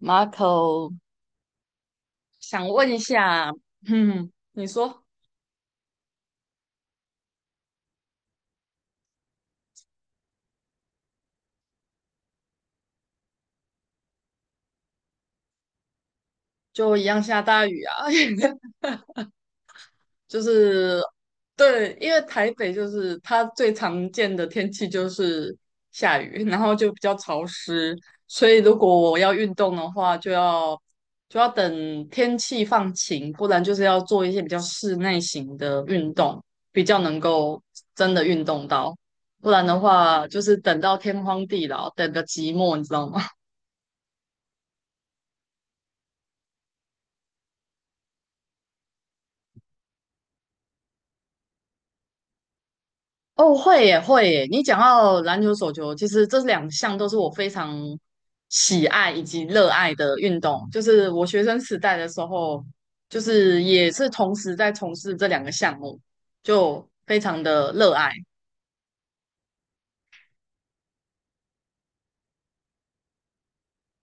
Hello，Marco，想问一下。你说。就一样下大雨啊？就是对，因为台北就是它最常见的天气就是下雨，然后就比较潮湿，所以如果我要运动的话，就要等天气放晴，不然就是要做一些比较室内型的运动，比较能够真的运动到，不然的话就是等到天荒地老，等个寂寞，你知道吗？哦，会耶，会耶！你讲到篮球、手球，其实这两项都是我非常喜爱以及热爱的运动。就是我学生时代的时候，就是也是同时在从事这两个项目，就非常的热爱。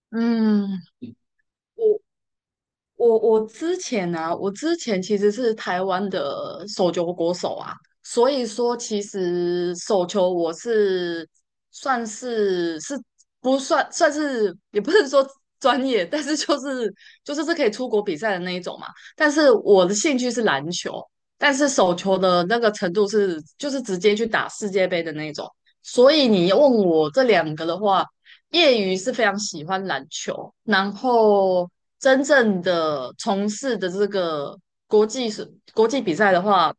嗯，我我之前其实是台湾的手球国手啊，所以说其实手球我是算是不算算是也不是说专业，但是就是可以出国比赛的那一种嘛。但是我的兴趣是篮球，但是手球的那个程度就是直接去打世界杯的那一种。所以你问我这两个的话，业余是非常喜欢篮球，然后真正的从事的这个国际比赛的话，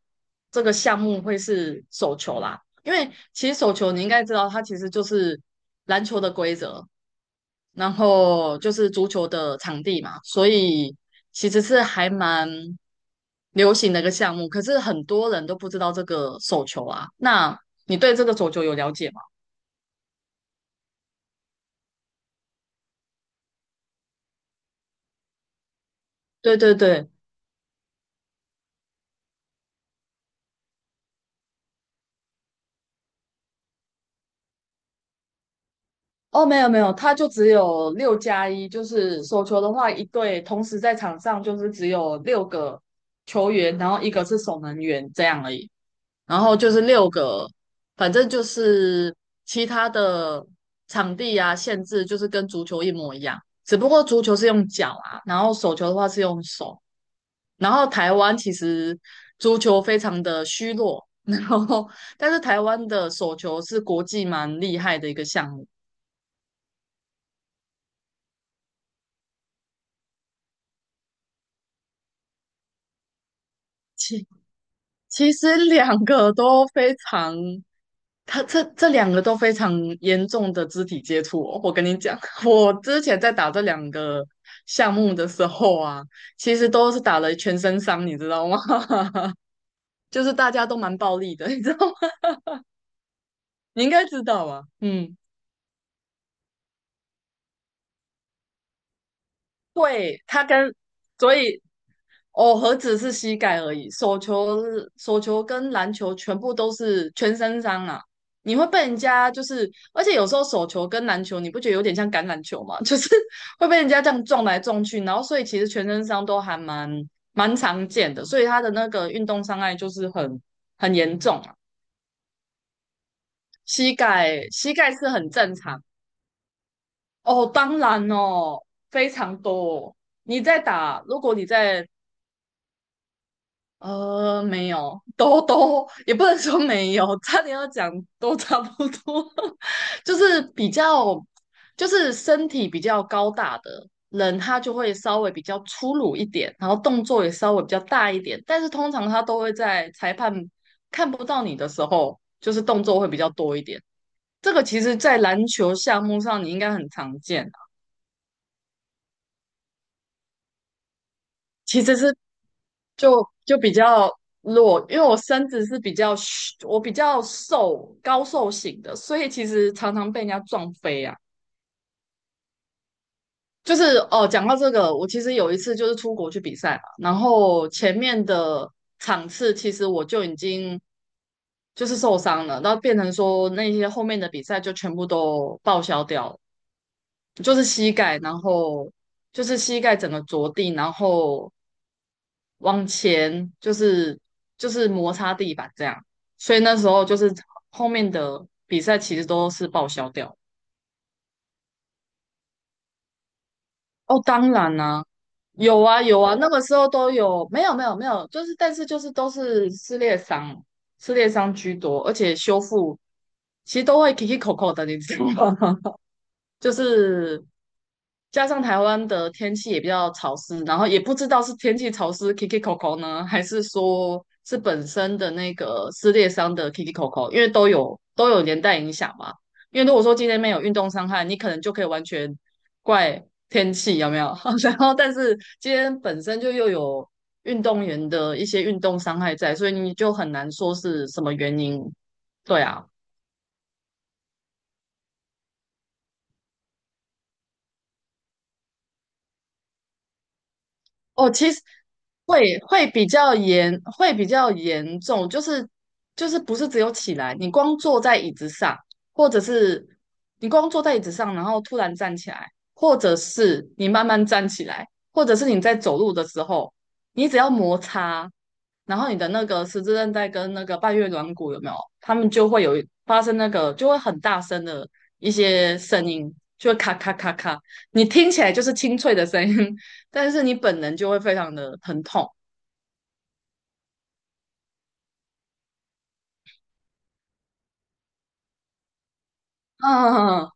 这个项目会是手球啦。因为其实手球你应该知道，它其实就是篮球的规则，然后就是足球的场地嘛，所以其实是还蛮流行的一个项目。可是很多人都不知道这个手球啊。那你对这个手球有了解吗？对对对。哦，没有没有，他就只有6+1，就是手球的话，一队同时在场上就是只有6个球员，然后一个是守门员这样而已，然后就是六个，反正就是其他的场地啊限制就是跟足球一模一样，只不过足球是用脚啊，然后手球的话是用手，然后台湾其实足球非常的虚弱，然后但是台湾的手球是国际蛮厉害的一个项目。其实两个都非常，他这两个都非常严重的肢体接触哦我跟你讲，我之前在打这两个项目的时候啊，其实都是打了全身伤，你知道吗？就是大家都蛮暴力的，你知道吗？你应该知道啊。嗯。对，他跟，所以哦，何止是膝盖而已，手球、手球跟篮球全部都是全身伤啊！你会被人家就是，而且有时候手球跟篮球，你不觉得有点像橄榄球吗？就是会被人家这样撞来撞去，然后所以其实全身伤都还蛮常见的，所以他的那个运动伤害就是很严重啊。膝盖是很正常哦，当然哦，非常多哦你在打，如果你在没有，都也不能说没有，差点要讲都差不多，就是比较，就是身体比较高大的人，他就会稍微比较粗鲁一点，然后动作也稍微比较大一点，但是通常他都会在裁判看不到你的时候，就是动作会比较多一点。这个其实，在篮球项目上你应该很常见啊，其实是就比较弱，因为我身子是比较虚我比较瘦高瘦型的，所以其实常常被人家撞飞啊。就是哦，讲到这个，我其实有一次就是出国去比赛嘛，然后前面的场次其实我就已经就是受伤了，然后变成说那些后面的比赛就全部都报销掉了，就是膝盖，然后就是膝盖整个着地，然后往前就是摩擦地板这样，所以那时候就是后面的比赛其实都是报销掉。哦，当然啦、有啊有啊，那个时候都有，没有没有没有，就是但是就是都是撕裂伤，撕裂伤居多，而且修复其实都会 k i k i 口口的，你知道吗？就是加上台湾的天气也比较潮湿，然后也不知道是天气潮湿 Kiki Coco 呢，还是说是本身的那个撕裂伤的 Kiki Coco，因为都有连带影响嘛。因为如果说今天没有运动伤害，你可能就可以完全怪天气有没有？然后但是今天本身就又有运动员的一些运动伤害在，所以你就很难说是什么原因。对啊。哦，其实会比较严，会比较严重，就是就是不是只有起来，你光坐在椅子上，或者是你光坐在椅子上，然后突然站起来，或者是你慢慢站起来，或者是你在走路的时候，你只要摩擦，然后你的那个十字韧带跟那个半月软骨有没有？他们就会有发生那个，就会很大声的一些声音，就会咔咔咔咔，你听起来就是清脆的声音，但是你本人就会非常的疼痛。嗯。嗯嗯。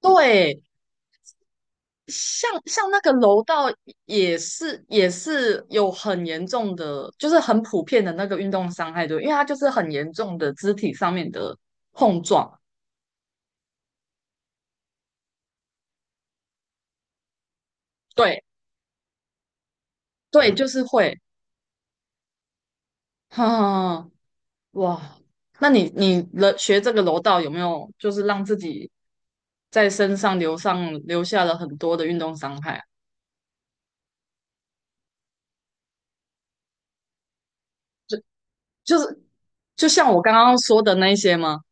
对，像那个楼道也是有很严重的，就是很普遍的那个运动伤害，对，因为它就是很严重的肢体上面的，对对，就是会，哼、哇，那你你了学这个柔道有没有就是让自己在身上留上留下了很多的运动伤害啊就是就像我刚刚说的那些吗？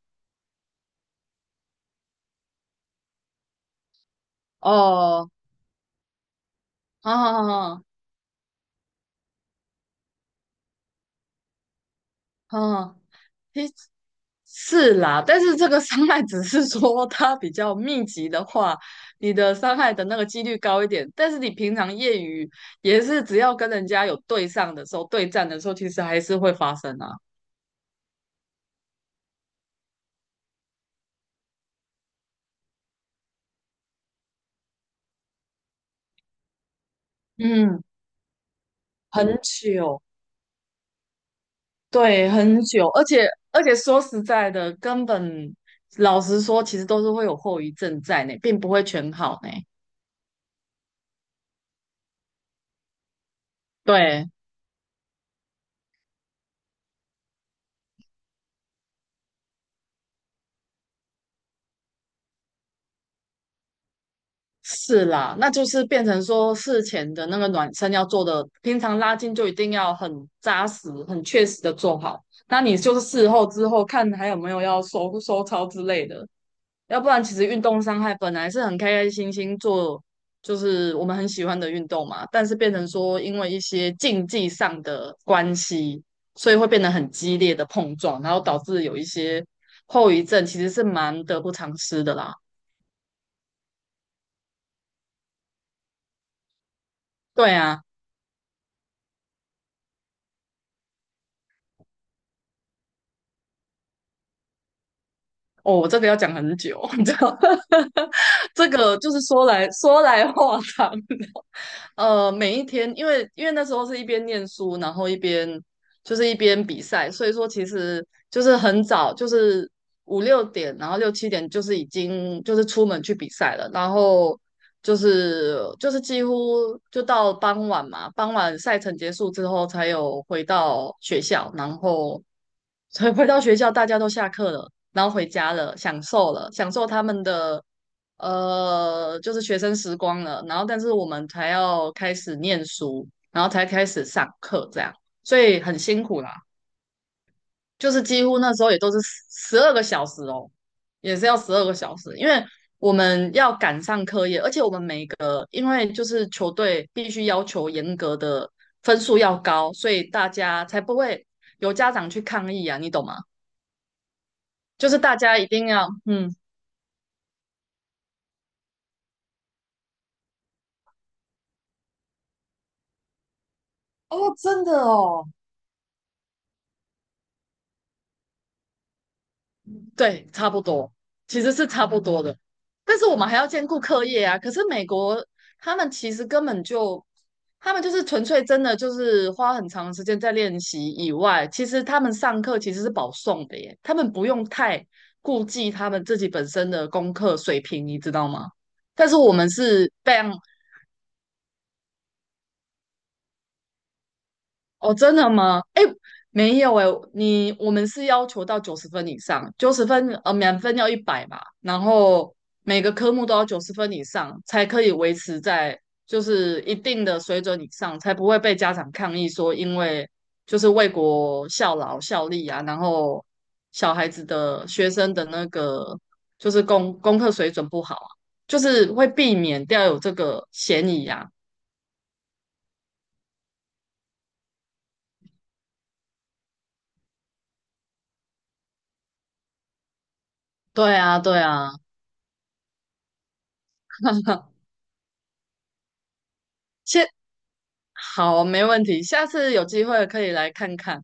哦，好好好好好，好诶。是啦，但是这个伤害只是说它比较密集的话，你的伤害的那个几率高一点。但是你平常业余也是只要跟人家有对上的时候，对战的时候，其实还是会发生啊。嗯。很久。对，很久，而且而且说实在的，根本老实说，其实都是会有后遗症在呢，并不会全好呢。对，是啦，那就是变成说事前的那个暖身要做的，平常拉筋就一定要很扎实、很确实的做好。那你就是事后之后看还有没有要收收操之类的。要不然其实运动伤害本来是很开开心心做，就是我们很喜欢的运动嘛，但是变成说因为一些竞技上的关系，所以会变得很激烈的碰撞，然后导致有一些后遗症，其实是蛮得不偿失的啦。对啊。哦，我这个要讲很久，你知道，这个就是说来话长。每一天，因为因为那时候是一边念书，然后一边就是一边比赛，所以说其实就是很早，就是五六点，然后六七点就是已经就是出门去比赛了，然后就是几乎就到傍晚嘛，傍晚赛程结束之后才有回到学校，然后所以回到学校，大家都下课了，然后回家了，享受了，享受他们的就是学生时光了。然后，但是我们才要开始念书，然后才开始上课，这样，所以很辛苦啦。就是几乎那时候也都是十二个小时哦，也是要十二个小时，因为我们要赶上课业，而且我们每个因为就是球队必须要求严格的分数要高，所以大家才不会有家长去抗议啊，你懂吗？就是大家一定要，嗯。哦，真的哦。对，差不多，其实是差不多的。但是我们还要兼顾课业啊。可是美国他们其实根本就，他们就是纯粹真的就是花很长时间在练习以外，其实他们上课其实是保送的耶，他们不用太顾忌他们自己本身的功课水平，你知道吗？但是我们是非常哦，真的吗？哎，没有哎，你我们是要求到九十分以上，九十分满分要100嘛，然后每个科目都要九十分以上才可以维持在就是一定的水准以上，才不会被家长抗议说因为就是为国效劳效力啊，然后小孩子的学生的那个就是功课水准不好啊，就是会避免掉有这个嫌疑啊。对啊，对啊。现好，没问题，下次有机会可以来看看。